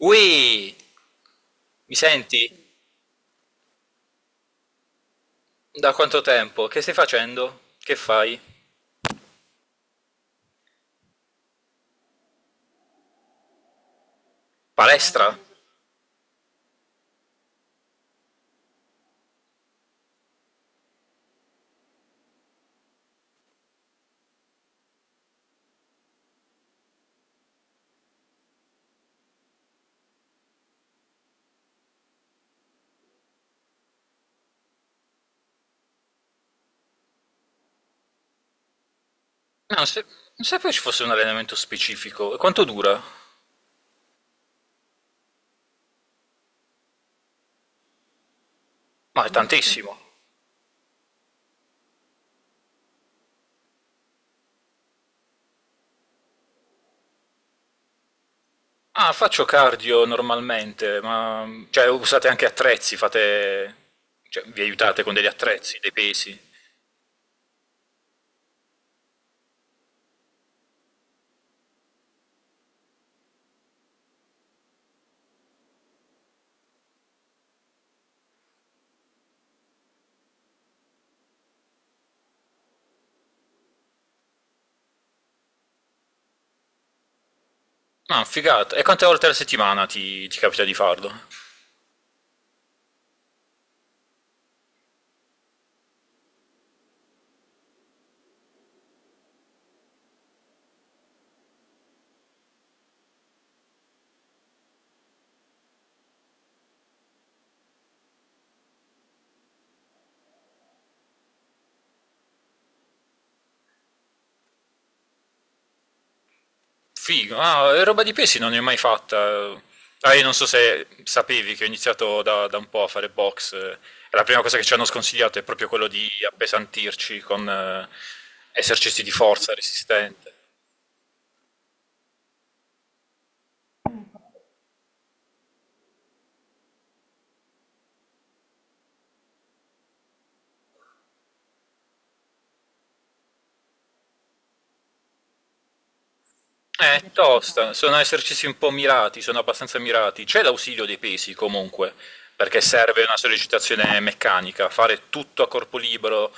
Ui, mi senti? Da quanto tempo? Che stai facendo? Che fai? Palestra? No, non sapevo ci fosse un allenamento specifico. E quanto dura? Ma è tantissimo. Ah, faccio cardio normalmente, ma cioè usate anche attrezzi, fate cioè vi aiutate con degli attrezzi, dei pesi. Ma figata. E quante volte alla settimana ti capita di farlo? Figo, ah, roba di pesci non ne ho mai fatta. Ah, io non so se sapevi che ho iniziato da un po' a fare box. La prima cosa che ci hanno sconsigliato è proprio quello di appesantirci con esercizi di forza resistente. È perché tosta, sono esercizi un po' mirati, sono abbastanza mirati. C'è l'ausilio dei pesi comunque, perché serve una sollecitazione meccanica, fare tutto a corpo libero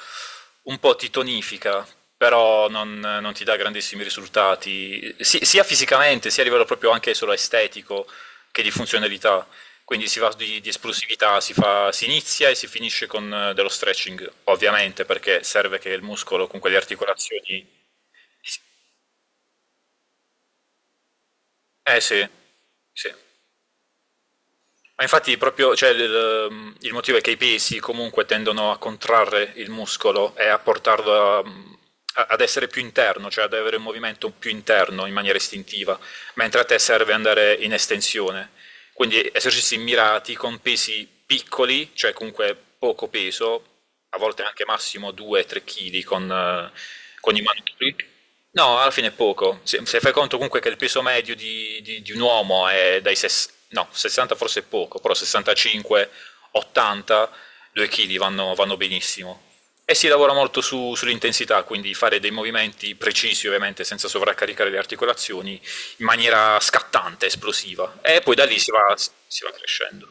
un po' ti tonifica, però non ti dà grandissimi risultati, sia fisicamente, sia a livello proprio anche solo estetico che di funzionalità. Quindi si va di esplosività, si inizia e si finisce con dello stretching, ovviamente, perché serve che il muscolo, con quelle articolazioni. Eh sì, sì. Ma infatti proprio, cioè, il motivo è che i pesi comunque tendono a contrarre il muscolo e a portarlo ad essere più interno, cioè ad avere un movimento più interno in maniera istintiva, mentre a te serve andare in estensione. Quindi esercizi mirati con pesi piccoli, cioè comunque poco peso, a volte anche massimo 2-3 kg con i manubri. No, alla fine è poco. Se fai conto comunque che il peso medio di un uomo è dai no, 60 forse è poco, però 65, 80, 2 kg vanno benissimo. E si lavora molto sull'intensità, quindi fare dei movimenti precisi, ovviamente, senza sovraccaricare le articolazioni, in maniera scattante, esplosiva. E poi da lì si va crescendo.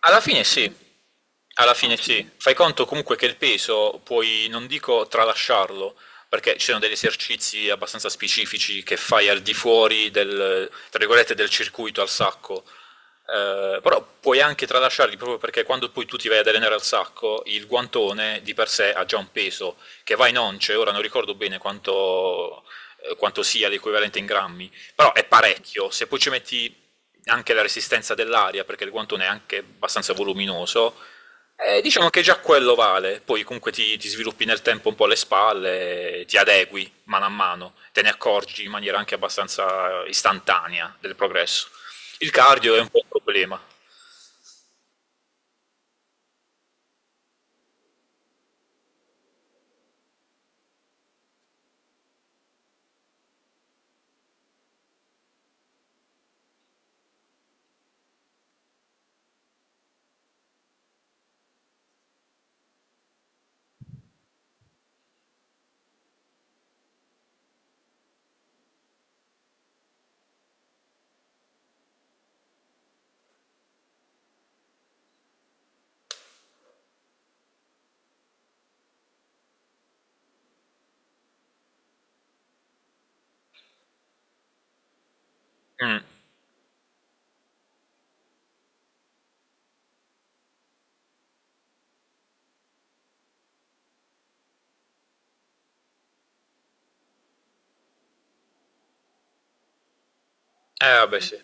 Alla fine sì, Alla fine sì, fai conto comunque che il peso puoi, non dico tralasciarlo, perché ci sono degli esercizi abbastanza specifici che fai al di fuori del, tra virgolette, del circuito al sacco, però puoi anche tralasciarli proprio perché quando poi tu ti vai ad allenare al sacco, il guantone di per sé ha già un peso che va in once, ora non ricordo bene quanto, quanto sia l'equivalente in grammi, però è parecchio, se poi ci metti anche la resistenza dell'aria, perché il guantone è anche abbastanza voluminoso, diciamo che già quello vale, poi comunque ti sviluppi nel tempo un po' le spalle, ti adegui mano a mano, te ne accorgi in maniera anche abbastanza istantanea del progresso. Il cardio è un po' un problema. Mm. Vabbè, sì.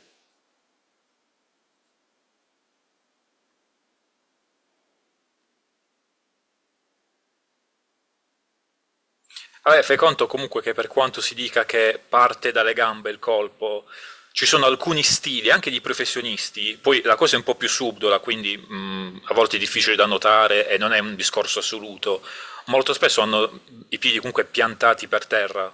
Vabbè, fai conto comunque che per quanto si dica che parte dalle gambe il colpo, ci sono alcuni stili, anche di professionisti, poi la cosa è un po' più subdola, quindi a volte è difficile da notare e non è un discorso assoluto. Molto spesso hanno i piedi comunque piantati per terra,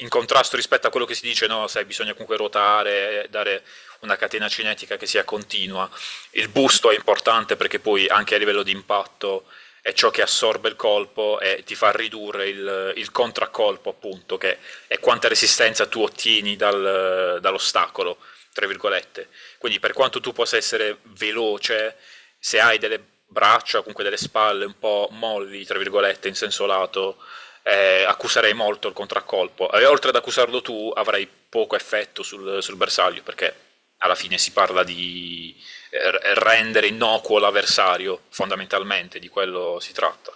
in contrasto rispetto a quello che si dice, no, sai, bisogna comunque ruotare, dare una catena cinetica che sia continua. Il busto è importante perché poi anche a livello di impatto è ciò che assorbe il colpo e ti fa ridurre il contraccolpo, appunto, che è quanta resistenza tu ottieni dall'ostacolo, tra virgolette. Quindi per quanto tu possa essere veloce, se hai delle braccia, comunque delle spalle un po' molli, tra virgolette, in senso lato, accuserei molto il contraccolpo. E oltre ad accusarlo tu, avrai poco effetto sul bersaglio, perché alla fine si parla di rendere innocuo l'avversario, fondamentalmente di quello si tratta.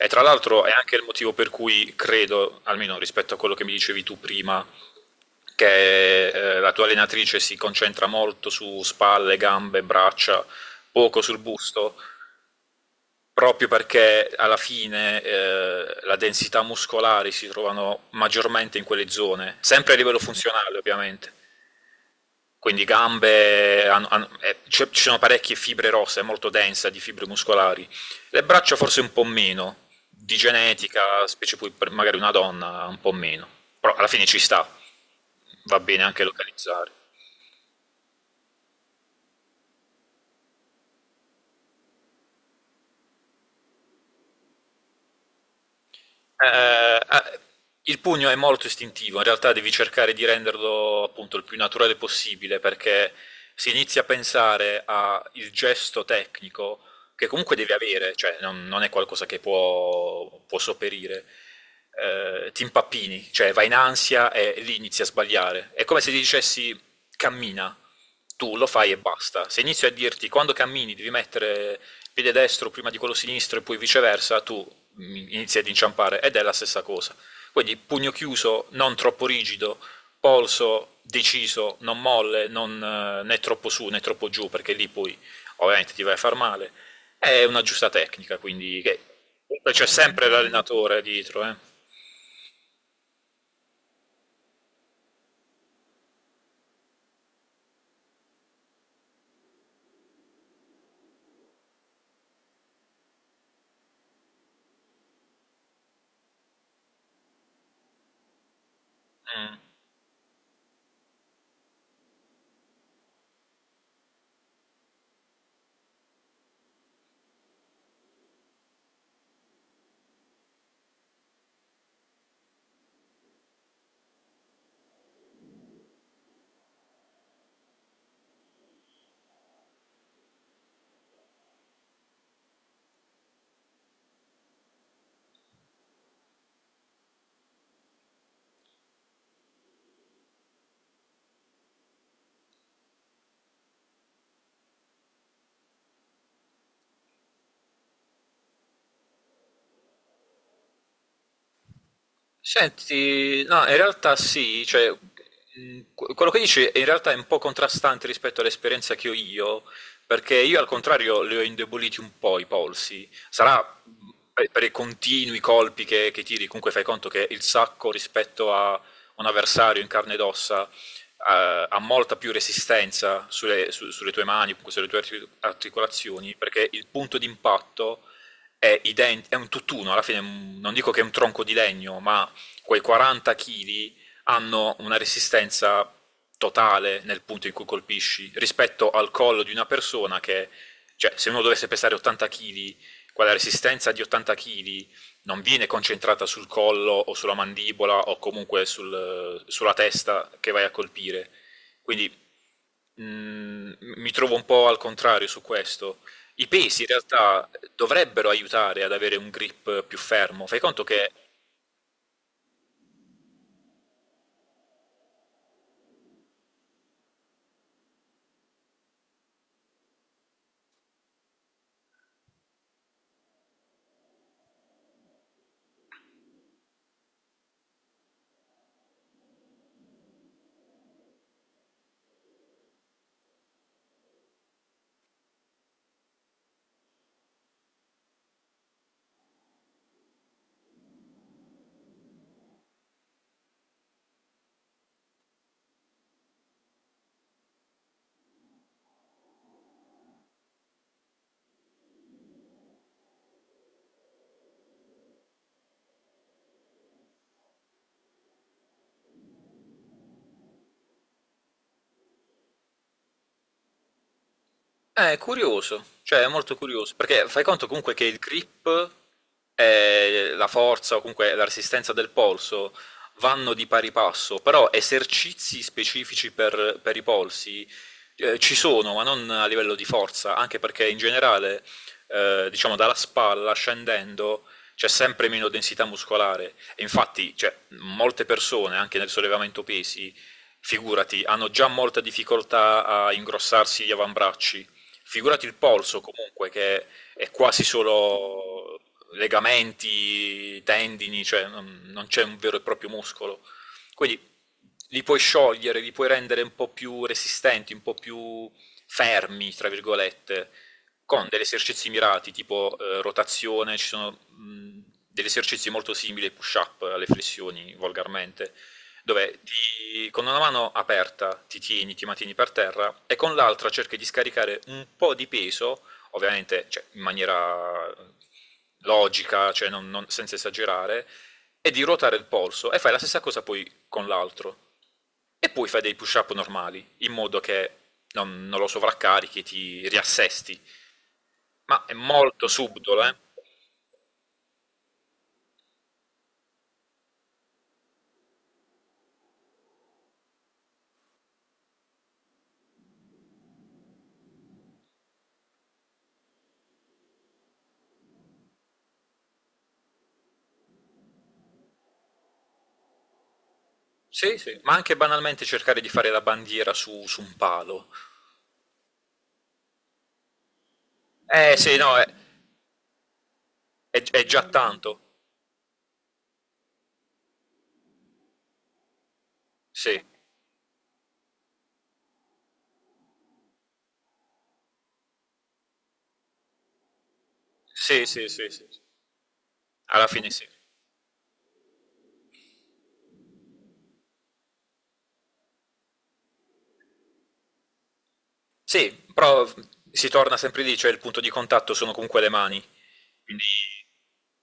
E tra l'altro è anche il motivo per cui credo, almeno rispetto a quello che mi dicevi tu prima, che la tua allenatrice si concentra molto su spalle, gambe, braccia, poco sul busto, proprio perché alla fine la densità muscolare si trovano maggiormente in quelle zone, sempre a livello funzionale ovviamente. Quindi gambe, ci sono parecchie fibre rosse, è molto densa di fibre muscolari. Le braccia forse un po' meno, di genetica, specie poi per magari una donna un po' meno, però alla fine ci sta, va bene anche localizzare. Eh, ah, il pugno è molto istintivo, in realtà devi cercare di renderlo appunto il più naturale possibile perché si inizia a pensare al gesto tecnico che comunque devi avere, cioè non è qualcosa che può sopperire. Ti impappini, cioè vai in ansia e lì inizi a sbagliare. È come se ti dicessi cammina, tu lo fai e basta. Se inizio a dirti quando cammini devi mettere il piede destro prima di quello sinistro e poi viceversa, tu inizia ad inciampare ed è la stessa cosa. Quindi pugno chiuso, non troppo rigido, polso deciso, non molle, non, né troppo su né troppo giù, perché lì poi ovviamente ti vai a far male. È una giusta tecnica, c'è sempre l'allenatore dietro. Mm. Senti, no, in realtà sì, cioè, quello che dici è in realtà è un po' contrastante rispetto all'esperienza che ho io, perché io al contrario li ho indeboliti un po' i polsi. Sarà mh, per i continui colpi che tiri, comunque fai conto che il sacco rispetto a un avversario in carne ed ossa ha molta più resistenza sulle, sulle tue mani, comunque sulle tue articolazioni, perché il punto d'impatto è un tutt'uno, alla fine non dico che è un tronco di legno, ma quei 40 kg hanno una resistenza totale nel punto in cui colpisci rispetto al collo di una persona che, cioè, se uno dovesse pesare 80 kg, quella resistenza di 80 kg non viene concentrata sul collo o sulla mandibola o comunque sulla testa che vai a colpire. Quindi mi trovo un po' al contrario su questo. I pesi in realtà dovrebbero aiutare ad avere un grip più fermo. Fai conto che. È curioso, cioè è molto curioso, perché fai conto comunque che il grip e la forza o comunque la resistenza del polso vanno di pari passo, però esercizi specifici per i polsi ci sono, ma non a livello di forza, anche perché in generale, diciamo, dalla spalla scendendo c'è sempre meno densità muscolare. E infatti, cioè, molte persone, anche nel sollevamento pesi, figurati, hanno già molta difficoltà a ingrossarsi gli avambracci. Figurati il polso comunque che è quasi solo legamenti, tendini, cioè non c'è un vero e proprio muscolo. Quindi li puoi sciogliere, li puoi rendere un po' più resistenti, un po' più fermi, tra virgolette, con degli esercizi mirati, tipo rotazione, ci sono degli esercizi molto simili ai push-up, alle flessioni, volgarmente, dove con una mano aperta ti tieni, ti mantieni per terra e con l'altra cerchi di scaricare un po' di peso, ovviamente cioè, in maniera logica, cioè senza esagerare, e di ruotare il polso e fai la stessa cosa poi con l'altro. E poi fai dei push-up normali, in modo che non lo sovraccarichi, ti riassesti. Ma è molto subdolo, eh? Sì, sì. Ma anche banalmente cercare di fare la bandiera su un palo. Eh sì, no, è, è già tanto. Sì, sì, sì, sì, sì. Sì. Alla fine sì. Sì, però si torna sempre lì, cioè il punto di contatto sono comunque le mani, quindi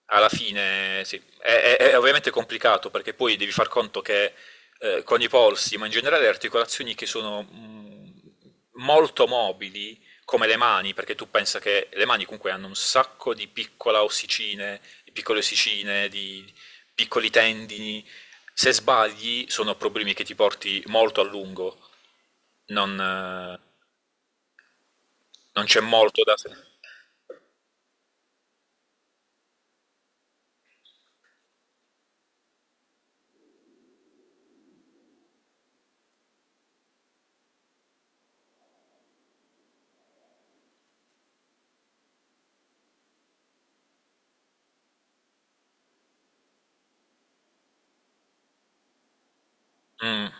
alla fine sì. È ovviamente complicato perché poi devi far conto che con i polsi, ma in generale le articolazioni che sono molto mobili, come le mani, perché tu pensa che le mani comunque hanno un sacco di piccole ossicine, di piccoli tendini, se sbagli sono problemi che ti porti molto a lungo non, eh, non c'è molto da... Mm.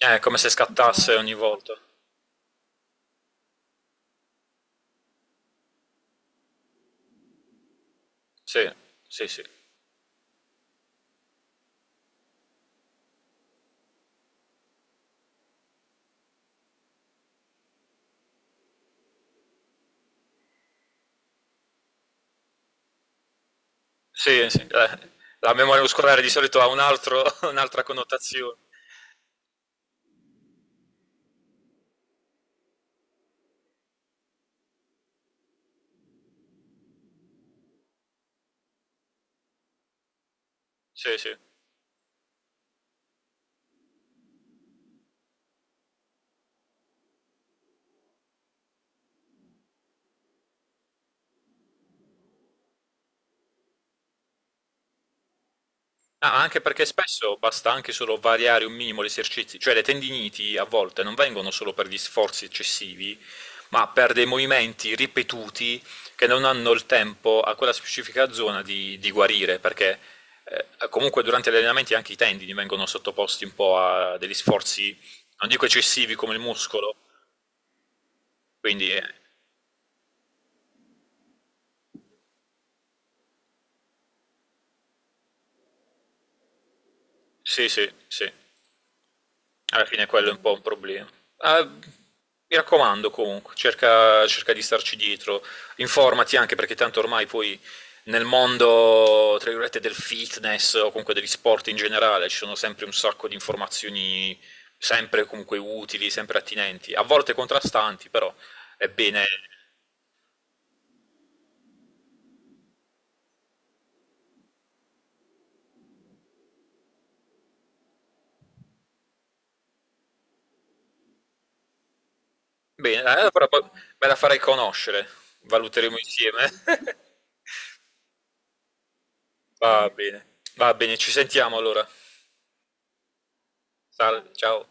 È come se scattasse ogni volta. Sì, sì, sì. Sì, sì, la memoria muscolare di solito ha un'altra connotazione. Sì, sì. Ah, anche perché spesso basta anche solo variare un minimo gli esercizi, cioè le tendiniti a volte non vengono solo per gli sforzi eccessivi, ma per dei movimenti ripetuti che non hanno il tempo a quella specifica zona di guarire, perché comunque durante gli allenamenti anche i tendini vengono sottoposti un po' a degli sforzi, non dico eccessivi come il muscolo, quindi sì, sì, sì. Alla fine quello è un po' un problema. Ah, mi raccomando comunque, cerca di starci dietro, informati anche perché tanto ormai poi nel mondo, tra virgolette, del fitness o comunque degli sport in generale ci sono sempre un sacco di informazioni, sempre comunque utili, sempre attinenti, a volte contrastanti, però è bene. Però poi me la farai conoscere, valuteremo insieme. Va bene, va bene, ci sentiamo allora. Ciao.